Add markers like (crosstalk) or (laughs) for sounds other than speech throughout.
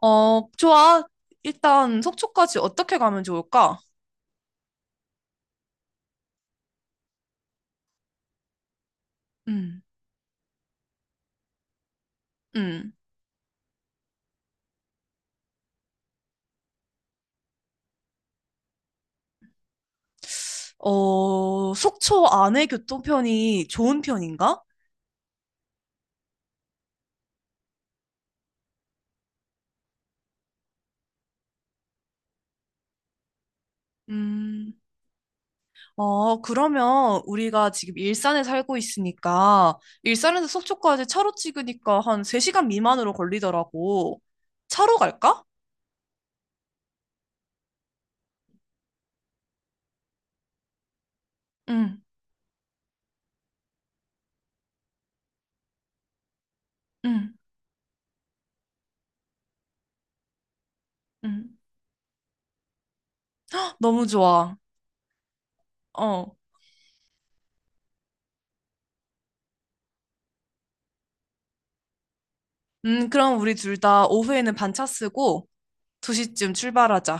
어, 좋아. 일단 속초까지 어떻게 가면 좋을까? 음, 음. 어, 속초 안에 교통편이 좋은 편인가? 음. 어, 그러면 우리가 지금 일산에 살고 있으니까 일산에서 속초까지 차로 찍으니까 한 3시간 미만으로 걸리더라고. 차로 갈까? 응. 응. 응, 너무 좋아. 어. 그럼 우리 둘 다 오후에는 반차 쓰고 2시쯤 출발하자.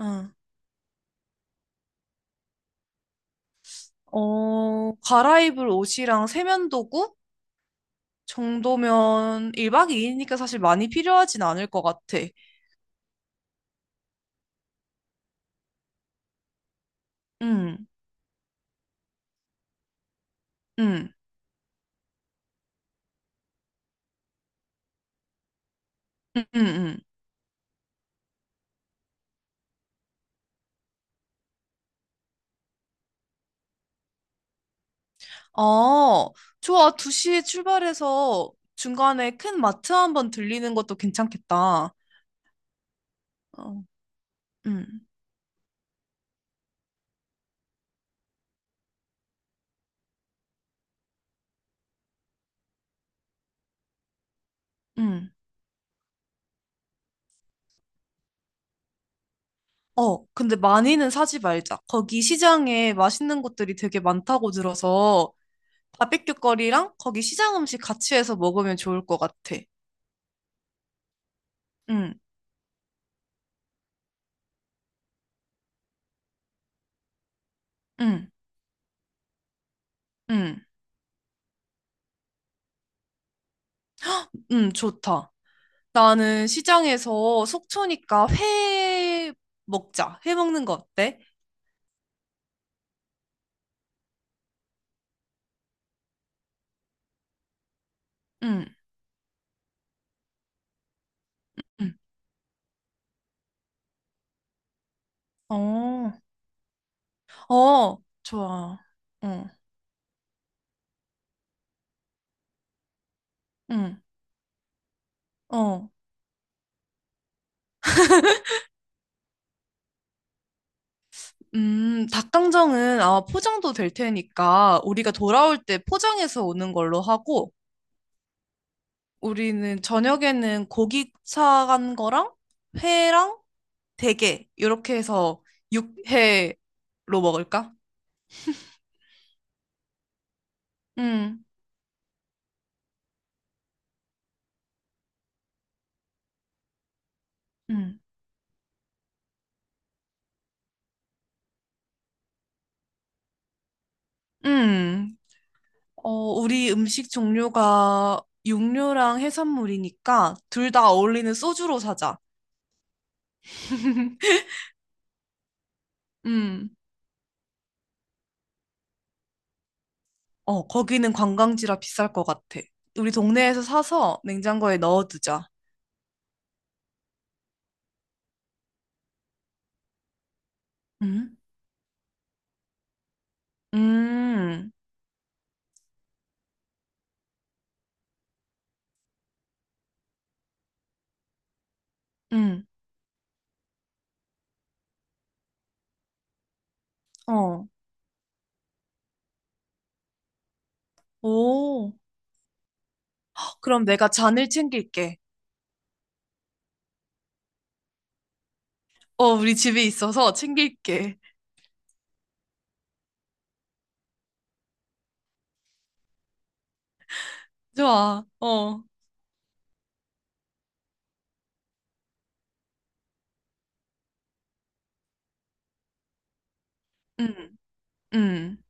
응. 어, 갈아입을 옷이랑 세면도구 정도면 1박 2일이니까 사실 많이 필요하진 않을 것 같아. 응, 응, 응, 응, 응. 아, 좋아. 2시에 출발해서 중간에 큰 마트 한번 들리는 것도 괜찮겠다. 어, 응, 응. 어, 근데 많이는 사지 말자. 거기 시장에 맛있는 것들이 되게 많다고 들어서 바베큐 거리랑 거기 시장 음식 같이 해서 먹으면 좋을 것 같아. 응, 응, 응. 응, 좋다. 나는 시장에서 속초니까 회 먹자. 회 먹는 거 어때? 응, 응. 어, 어, 좋아. 어, 응, 어. 닭강정은 아마 포장도 될 테니까 우리가 돌아올 때 포장해서 오는 걸로 하고 우리는 저녁에는 고기 사간 거랑 회랑 대게 이렇게 해서 육회로 먹을까? 응, 응. 응. 어, 우리 음식 종류가 육류랑 해산물이니까 둘 다 어울리는 소주로 사자. (laughs) 음, 어, 거기는 관광지라 비쌀 것 같아. 우리 동네에서 사서 냉장고에 넣어두자. 음, 음, 음, 어, 오. 그럼 내가 잔을 챙길게. 어, 우리 집에 있어서 챙길게. 좋아, 어, 음, 음,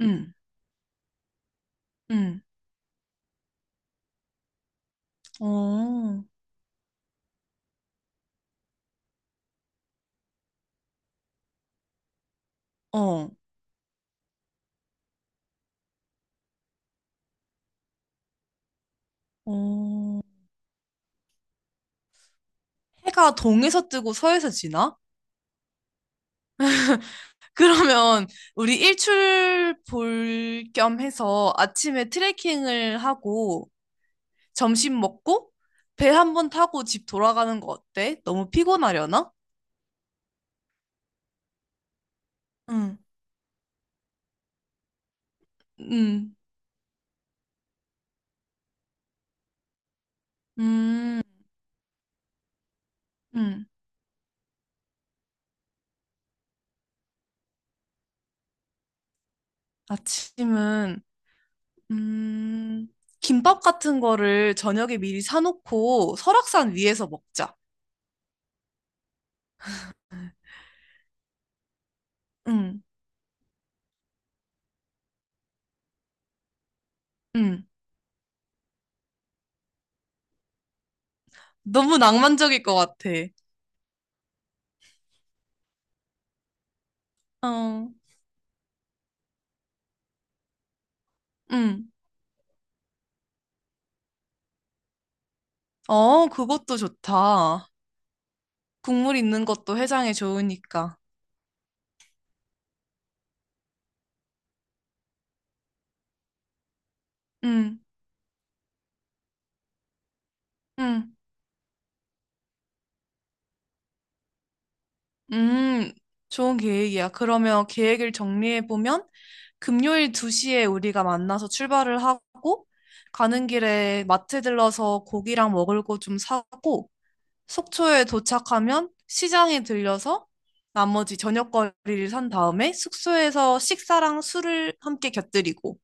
음, 음, 어, 어, 어. 해가 동에서 뜨고 서에서 지나? 그러면 우리 일출 볼 겸 해서 아침에 트레킹을 하고 점심 먹고 배 한 번 타고 집 돌아가는 거 어때? 너무 피곤하려나? 응. 응, 음, 응, 아침은, 음, 김밥 같은 거를 저녁에 미리 사놓고 설악산 위에서 먹자. 응. 응, 너무 낭만적일 것 같아. 어, 응, 어, 그것도 좋다. 국물 있는 것도 해장에 좋으니까. 음, 음, 음, 좋은 계획이야. 그러면 계획을 정리해보면, 금요일 2시에 우리가 만나서 출발을 하고, 가는 길에 마트 들러서 고기랑 먹을 거 좀 사고, 속초에 도착하면 시장에 들려서 나머지 저녁거리를 산 다음에 숙소에서 식사랑 술을 함께 곁들이고,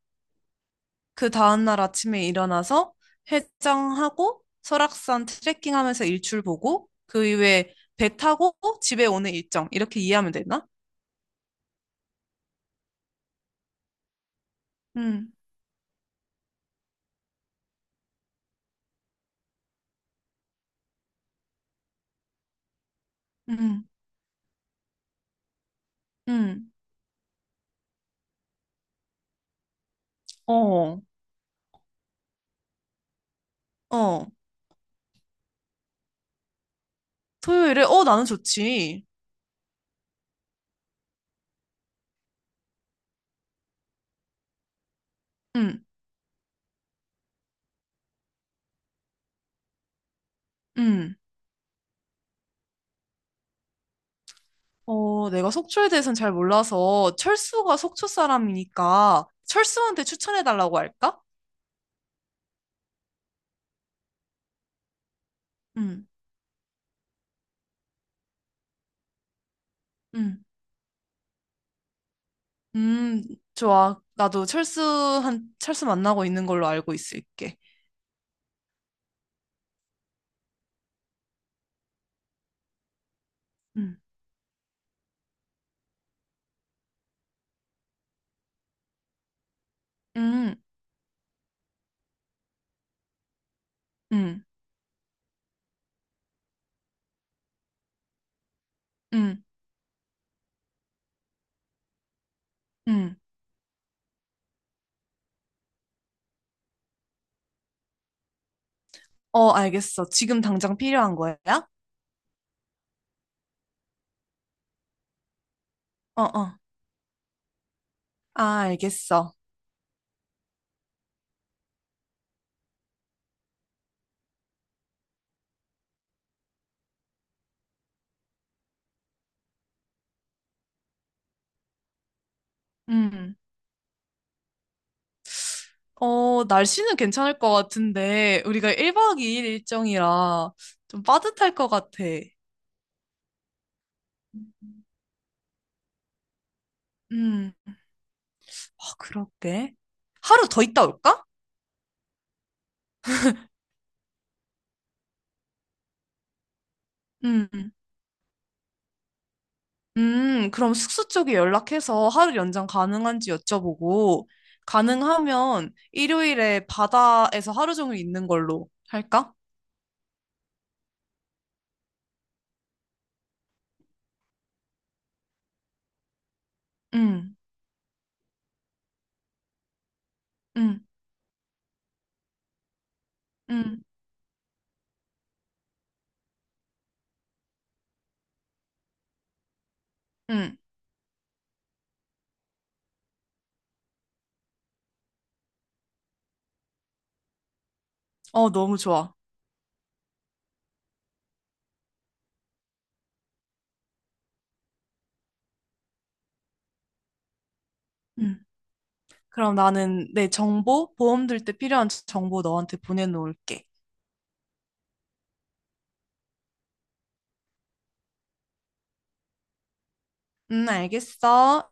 그 다음날 아침에 일어나서 해장하고 설악산 트레킹하면서 일출 보고 그 이후에 배 타고 집에 오는 일정 이렇게 이해하면 되나? 응, 응, 응. 어, 어. 토요일에 어, 나는 좋지. 응, 응. 어, 내가 속초에 대해서는 잘 몰라서 철수가 속초 사람이니까 철수한테 추천해 달라고 할까? 응, 응. 음, 좋아. 나도 철수 만나고 있는 걸로 알고 있을게. 음. 음. 응, 응, 응. 어, 알겠어. 지금 당장 필요한 거야? 어, 어. 아, 알겠어. 음. 어, 날씨는 괜찮을 것 같은데, 우리가 1박 2일 일정이라 좀 빠듯할 것 같아. 음. 아, 그럴게. 하루 더 있다 올까? 음. 그럼 숙소 쪽에 연락해서 하루 연장 가능한지 여쭤보고, 가능하면 일요일에 바다에서 하루 종일 있는 걸로 할까? 음, 음, 음, 음. 어, 너무 좋아. 음. 그럼 나는 내 정보, 보험 들 때 필요한 정보 너한테 보내놓을게. 알겠어.